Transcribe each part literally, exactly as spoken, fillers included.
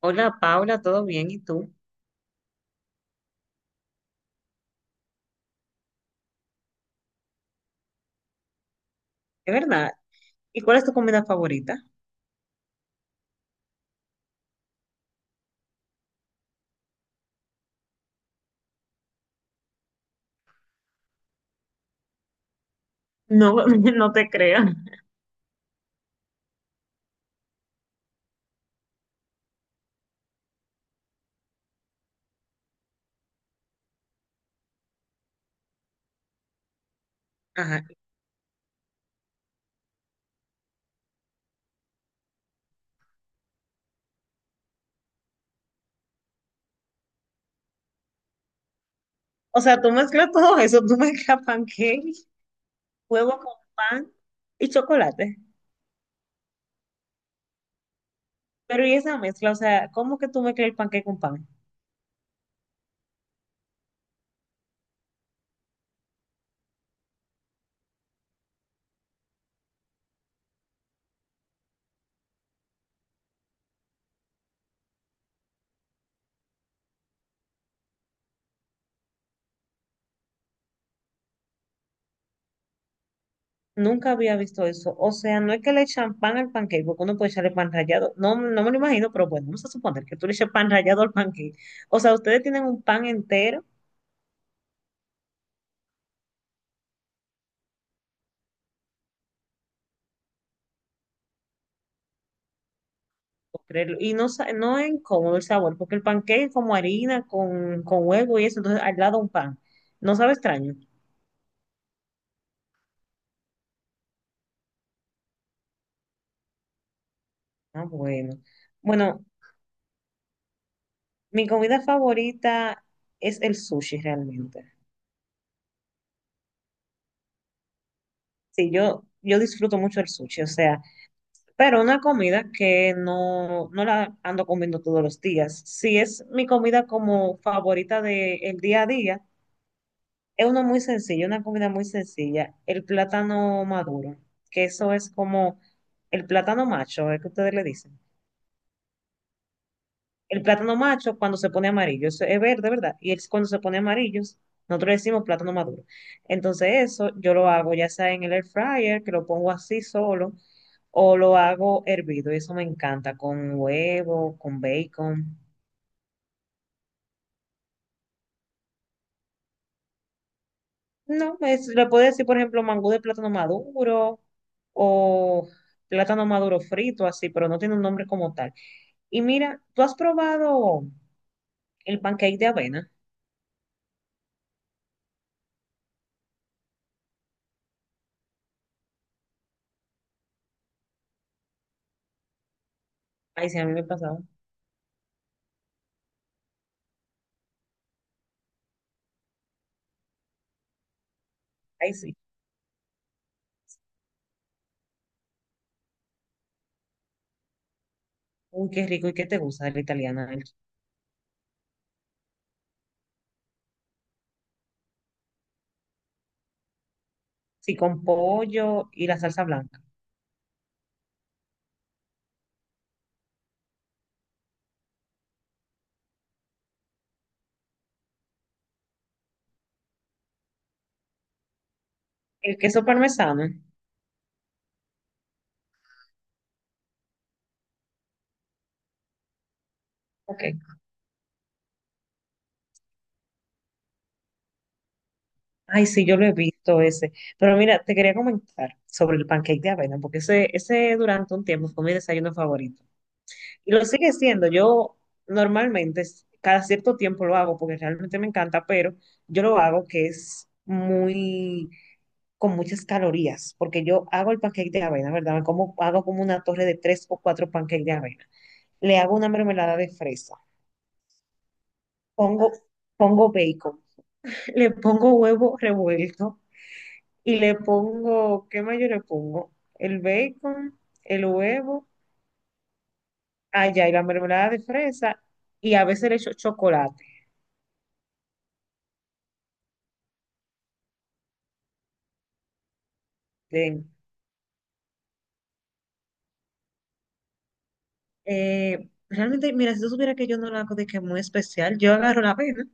Hola Paula, ¿todo bien? ¿Y tú? Es verdad. ¿Y cuál es tu comida favorita? No, no te creo. Ajá. O sea, tú mezclas todo eso, tú mezclas pancake, huevo con pan y chocolate. Pero ¿y esa mezcla? O sea, ¿cómo que tú mezclas el pancake con pan? Nunca había visto eso. O sea, no es que le echan pan al pancake, porque uno puede echarle pan rallado. No, no me lo imagino, pero bueno, vamos a suponer que tú le echas pan rallado al pancake. O sea, ustedes tienen un pan entero. Puedo creerlo. Y no, sa- no es incómodo el sabor, porque el pancake es como harina con, con huevo y eso, entonces al lado un pan. No sabe extraño. Ah, bueno. Bueno, mi comida favorita es el sushi realmente. Sí, yo, yo disfruto mucho el sushi, o sea, pero una comida que no, no la ando comiendo todos los días. Si es mi comida como favorita del día a día, es uno muy sencillo, una comida muy sencilla. El plátano maduro, que eso es como el plátano macho, es que ustedes le dicen. El plátano macho cuando se pone amarillo, eso es verde, ¿verdad? Y es cuando se pone amarillo, nosotros le decimos plátano maduro. Entonces eso yo lo hago ya sea en el air fryer, que lo pongo así solo, o lo hago hervido, y eso me encanta, con huevo, con bacon. No, es, le puedo decir, por ejemplo, mangú de plátano maduro o plátano maduro frito, así, pero no tiene un nombre como tal. Y mira, ¿tú has probado el pancake de avena? Ay, sí, a mí me pasaba. Ay, sí. Uy, qué rico y qué te gusta de la italiana. El- Sí, con pollo y la salsa blanca. El queso parmesano. Ok. Ay, sí, yo lo he visto ese. Pero mira, te quería comentar sobre el pancake de avena, porque ese, ese durante un tiempo fue mi desayuno favorito. Y lo sigue siendo. Yo normalmente s- cada cierto tiempo lo hago porque realmente me encanta, pero yo lo hago que es muy con muchas calorías, porque yo hago el pancake de avena, ¿verdad? Me como, hago como una torre de tres o cuatro pancakes de avena. Le hago una mermelada de fresa. Pongo, pongo bacon. Le pongo huevo revuelto y le pongo, ¿qué más yo le pongo? El bacon, el huevo, allá y la mermelada de fresa y a veces le echo chocolate. Eh, realmente, mira, si tú supieras que yo no la hago de que muy especial, yo agarro la avena,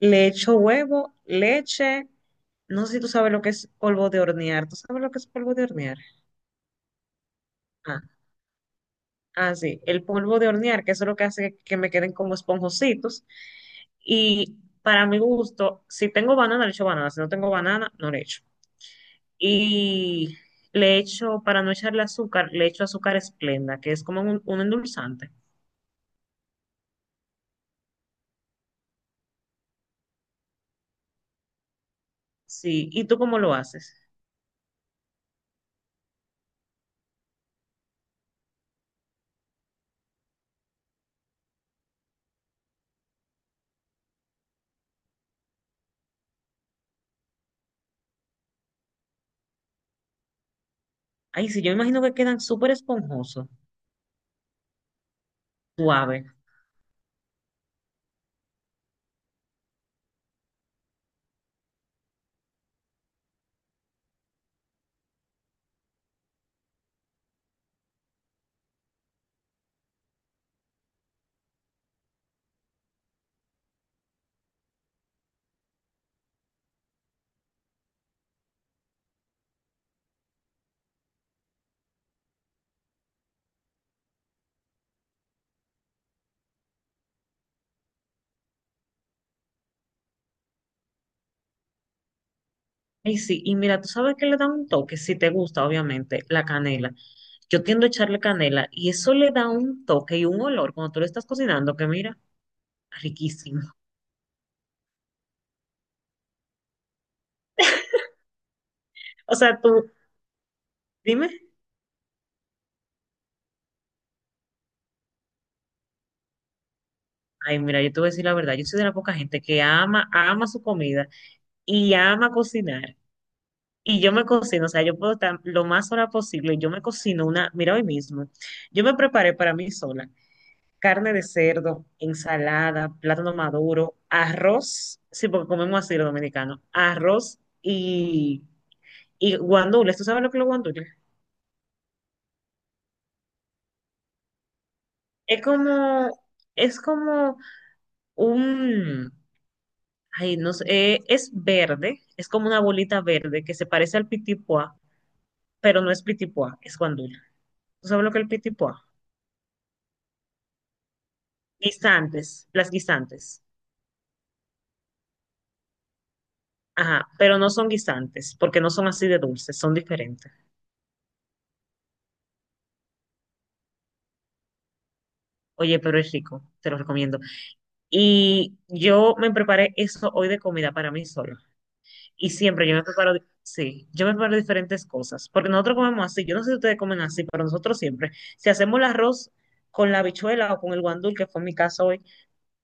le echo huevo, leche, no sé si tú sabes lo que es polvo de hornear, ¿tú sabes lo que es polvo de hornear? Ah, ah, sí, el polvo de hornear, que eso es lo que hace que me queden como esponjositos. Y para mi gusto, si tengo banana, le echo banana. Si no tengo banana, no le echo. Y le echo, para no echarle azúcar, le echo azúcar esplenda, que es como un, un endulzante. Sí. ¿Y tú cómo lo haces? Ay, sí, yo imagino que quedan súper esponjosos, suaves. Ay, sí, y mira, tú sabes que le da un toque, si te gusta, obviamente, la canela. Yo tiendo a echarle canela y eso le da un toque y un olor cuando tú lo estás cocinando, que mira, riquísimo. O sea, tú, dime. Ay, mira, yo te voy a decir la verdad, yo soy de la poca gente que ama, ama su comida y ama cocinar. Y yo me cocino, o sea, yo puedo estar lo más sola posible. Yo me cocino una, mira hoy mismo, yo me preparé para mí sola carne de cerdo, ensalada, plátano maduro, arroz, sí, porque comemos así los dominicanos, arroz y, y guandules. ¿Tú sabes lo que es los guandules? Es como, es como un, ay, no sé, eh, es verde, es como una bolita verde que se parece al pitipuá, pero no es pitipuá, es guandule. ¿Tú sabes lo que es el pitipuá? Guisantes, las guisantes. Ajá, pero no son guisantes, porque no son así de dulces, son diferentes. Oye, pero es rico, te lo recomiendo. Y yo me preparé eso hoy de comida para mí sola. Y siempre yo me preparo, di- sí, yo me preparo diferentes cosas. Porque nosotros comemos así, yo no sé si ustedes comen así, pero nosotros siempre, si hacemos el arroz con la habichuela o con el guandul, que fue mi caso hoy,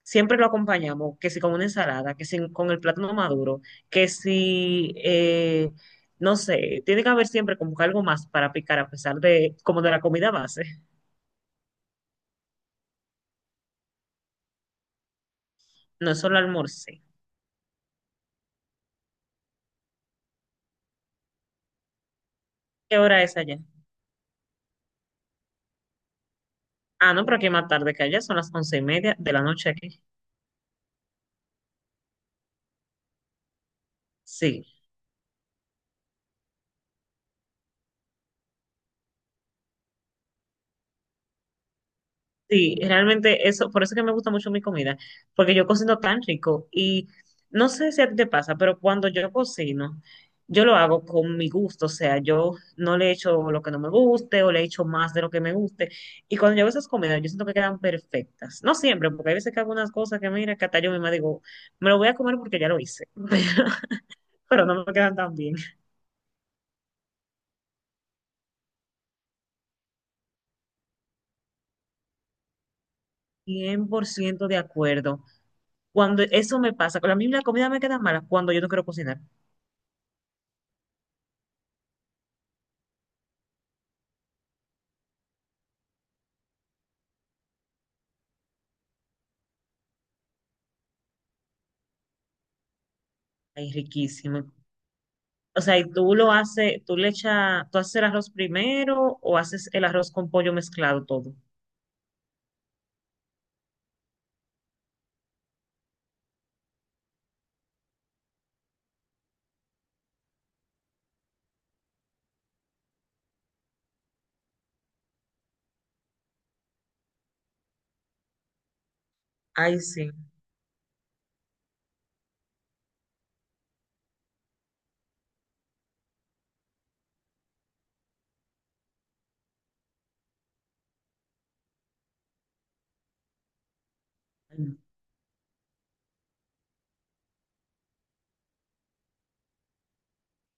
siempre lo acompañamos, que si con una ensalada, que si con el plátano maduro, que si, eh, no sé, tiene que haber siempre como que algo más para picar a pesar de, como de la comida base. No es solo almuerzo. ¿Qué hora es allá? Ah, no, pero aquí más tarde que allá, son las once y media de la noche aquí. Sí, sí, realmente eso, por eso es que me gusta mucho mi comida, porque yo cocino tan rico y no sé si a ti te pasa, pero cuando yo cocino, yo lo hago con mi gusto, o sea, yo no le echo lo que no me guste o le echo más de lo que me guste. Y cuando yo hago esas comidas, yo siento que quedan perfectas. No siempre, porque hay veces que hago unas cosas que mira, que hasta yo misma digo, me lo voy a comer porque ya lo hice, pero no me quedan tan bien. Cien por ciento de acuerdo. Cuando eso me pasa, con la misma comida me queda mala cuando yo no quiero cocinar. Ay, riquísimo. O sea, y tú lo haces, tú le echas, tú haces el arroz primero o haces el arroz con pollo mezclado todo. Ay, sí. Ay,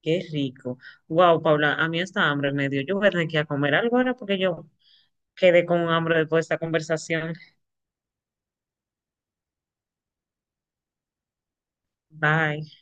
qué rico. Wow, Paula, a mí esta hambre me dio. Yo voy a tener que ir a comer algo ahora porque yo quedé con hambre después de esta conversación. Bye.